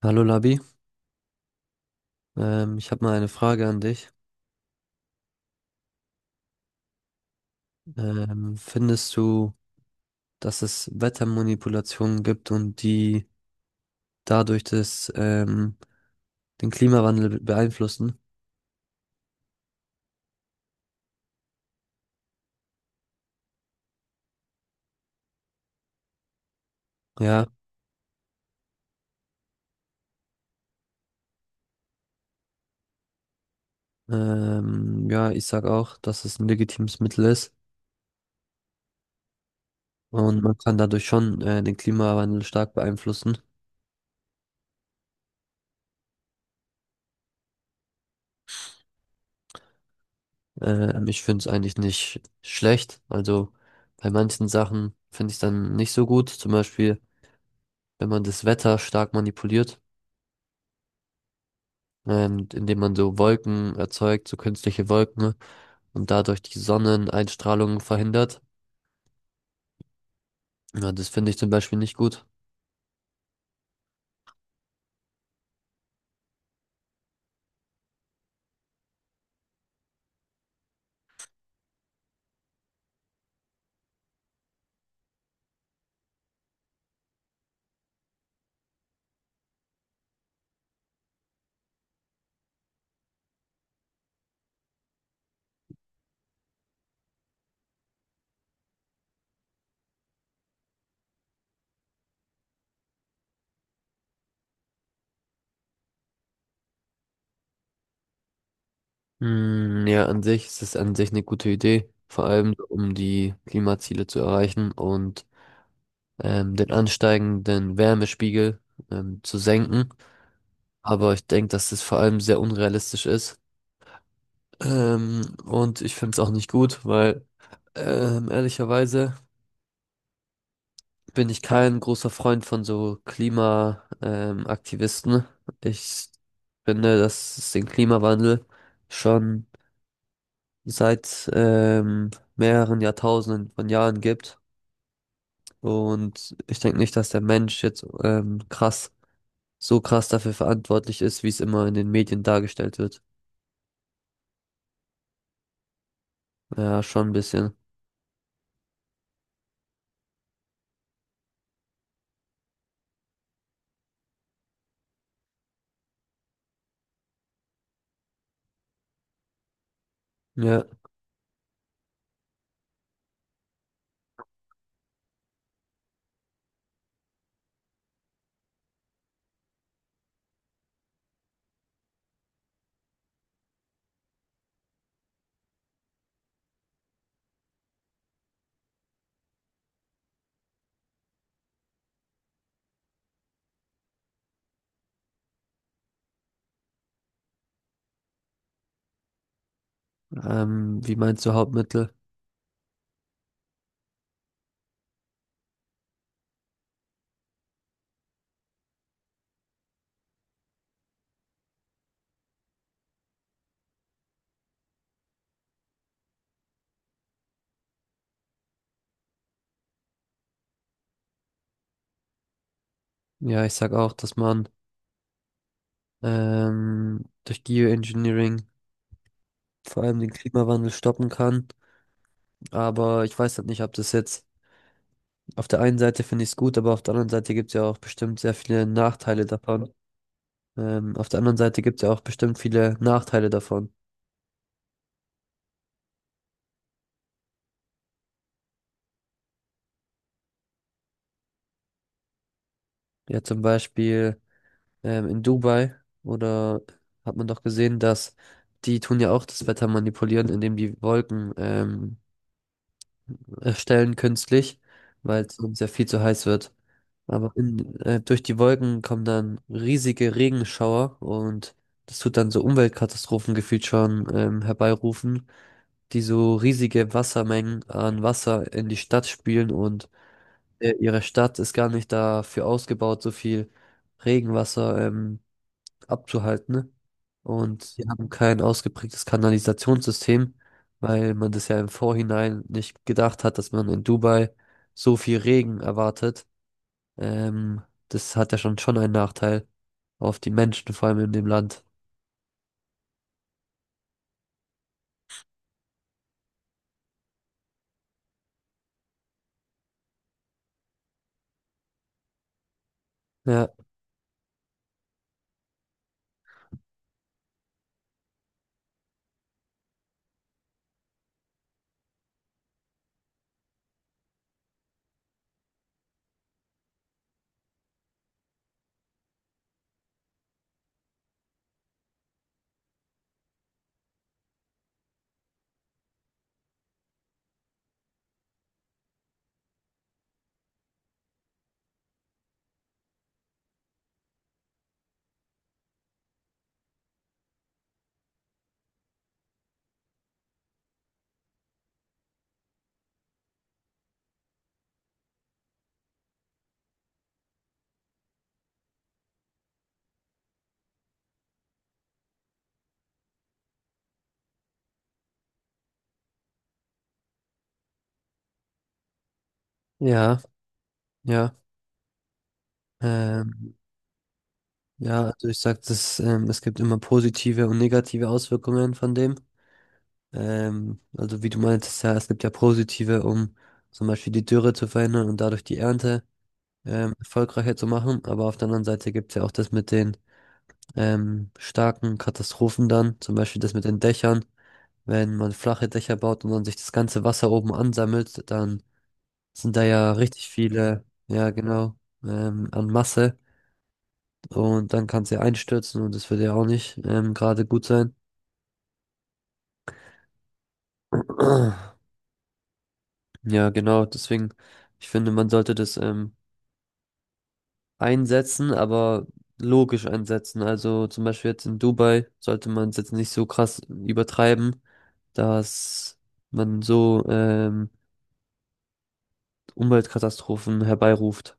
Hallo Labi, ich habe mal eine Frage an dich. Findest du, dass es Wettermanipulationen gibt und die dadurch das, den Klimawandel beeinflussen? Ja, ja, ich sag auch, dass es ein legitimes Mittel ist, und man kann dadurch schon den Klimawandel stark beeinflussen. Ich finde es eigentlich nicht schlecht. Also bei manchen Sachen finde ich es dann nicht so gut. Zum Beispiel, wenn man das Wetter stark manipuliert und indem man so Wolken erzeugt, so künstliche Wolken, und dadurch die Sonneneinstrahlung verhindert. Ja, das finde ich zum Beispiel nicht gut. Hm, ja, an sich ist es an sich eine gute Idee, vor allem so, um die Klimaziele zu erreichen und den ansteigenden Wärmespiegel zu senken. Aber ich denke, dass das vor allem sehr unrealistisch ist. Und ich finde es auch nicht gut, weil ehrlicherweise bin ich kein großer Freund von so Klima, Aktivisten. Ich finde, dass es den Klimawandel schon seit mehreren Jahrtausenden von Jahren gibt. Und ich denke nicht, dass der Mensch jetzt so krass dafür verantwortlich ist, wie es immer in den Medien dargestellt wird. Ja, schon ein bisschen. Ja, wie meinst du Hauptmittel? Ja, ich sag auch, dass man durch Geoengineering vor allem den Klimawandel stoppen kann. Aber ich weiß halt nicht, ob das jetzt, auf der einen Seite finde ich es gut, aber auf der anderen Seite gibt es ja auch bestimmt sehr viele Nachteile davon. Auf der anderen Seite gibt es ja auch bestimmt viele Nachteile davon. Ja, zum Beispiel in Dubai oder, hat man doch gesehen, dass die tun ja auch das Wetter manipulieren, indem die Wolken erstellen künstlich, weil es uns ja viel zu heiß wird. Aber durch die Wolken kommen dann riesige Regenschauer, und das tut dann so Umweltkatastrophen gefühlt schon herbeirufen, die so riesige Wassermengen an Wasser in die Stadt spülen, und ihre Stadt ist gar nicht dafür ausgebaut, so viel Regenwasser abzuhalten, ne? Und sie haben kein ausgeprägtes Kanalisationssystem, weil man das ja im Vorhinein nicht gedacht hat, dass man in Dubai so viel Regen erwartet. Ähm, das hat ja schon einen Nachteil auf die Menschen, vor allem in dem Land. Ja, ja, ja. Ähm, ja, also ich sag, das, es gibt immer positive und negative Auswirkungen von dem. Also wie du meintest, ja, es gibt ja positive, um zum Beispiel die Dürre zu verhindern und dadurch die Ernte erfolgreicher zu machen. Aber auf der anderen Seite gibt es ja auch das mit den starken Katastrophen dann, zum Beispiel das mit den Dächern. Wenn man flache Dächer baut und dann sich das ganze Wasser oben ansammelt, dann sind da ja richtig viele, ja genau, an Masse. Und dann kann es ja einstürzen, und das würde ja auch nicht gerade gut sein. Ja, genau, deswegen, ich finde, man sollte das einsetzen, aber logisch einsetzen. Also zum Beispiel jetzt in Dubai sollte man es jetzt nicht so krass übertreiben, dass man so Umweltkatastrophen herbeiruft.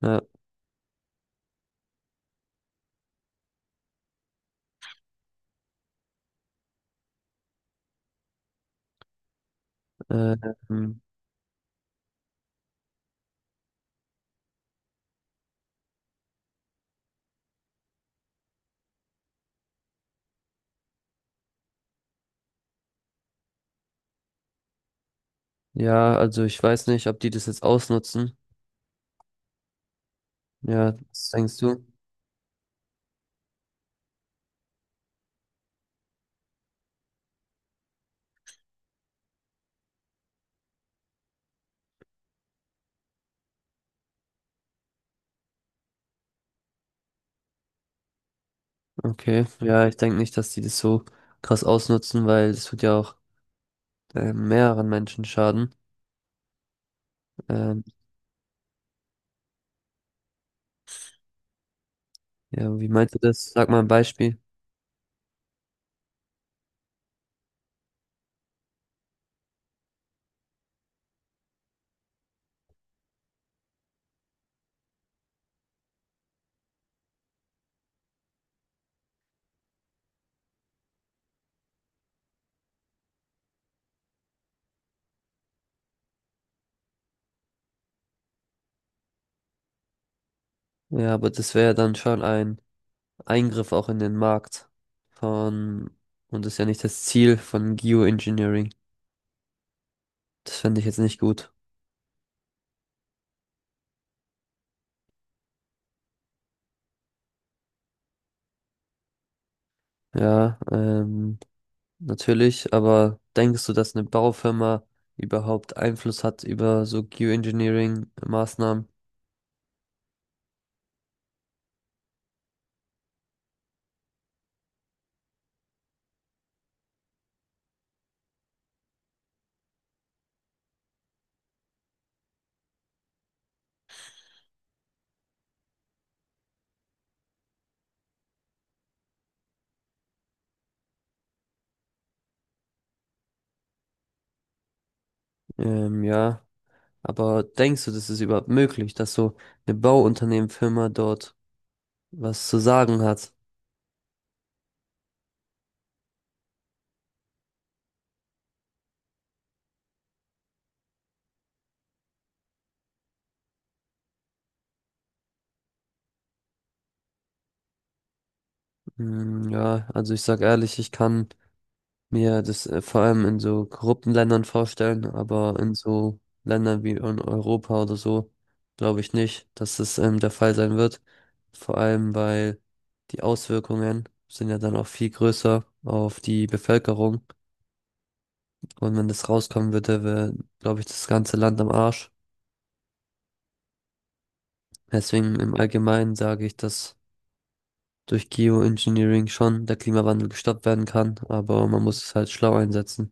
Ja, ähm, ja, also ich weiß nicht, ob die das jetzt ausnutzen. Ja, was denkst du? Okay, ja, ich denke nicht, dass die das so krass ausnutzen, weil das tut ja auch mehreren Menschen schaden. Ähm, ja, wie meinst du das? Sag mal ein Beispiel. Ja, aber das wäre ja dann schon ein Eingriff auch in den Markt von, und das ist ja nicht das Ziel von Geoengineering. Das fände ich jetzt nicht gut. Ja, natürlich, aber denkst du, dass eine Baufirma überhaupt Einfluss hat über so Geoengineering-Maßnahmen? Ja. Aber denkst du, das ist überhaupt möglich, dass so eine Bauunternehmenfirma dort was zu sagen hat? Hm, ja, also ich sag ehrlich, ich kann mir das vor allem in so korrupten Ländern vorstellen, aber in so Ländern wie in Europa oder so, glaube ich nicht, dass das der Fall sein wird. Vor allem, weil die Auswirkungen sind ja dann auch viel größer auf die Bevölkerung. Und wenn das rauskommen würde, wäre, glaube ich, das ganze Land am Arsch. Deswegen im Allgemeinen sage ich, dass durch Geoengineering schon der Klimawandel gestoppt werden kann, aber man muss es halt schlau einsetzen.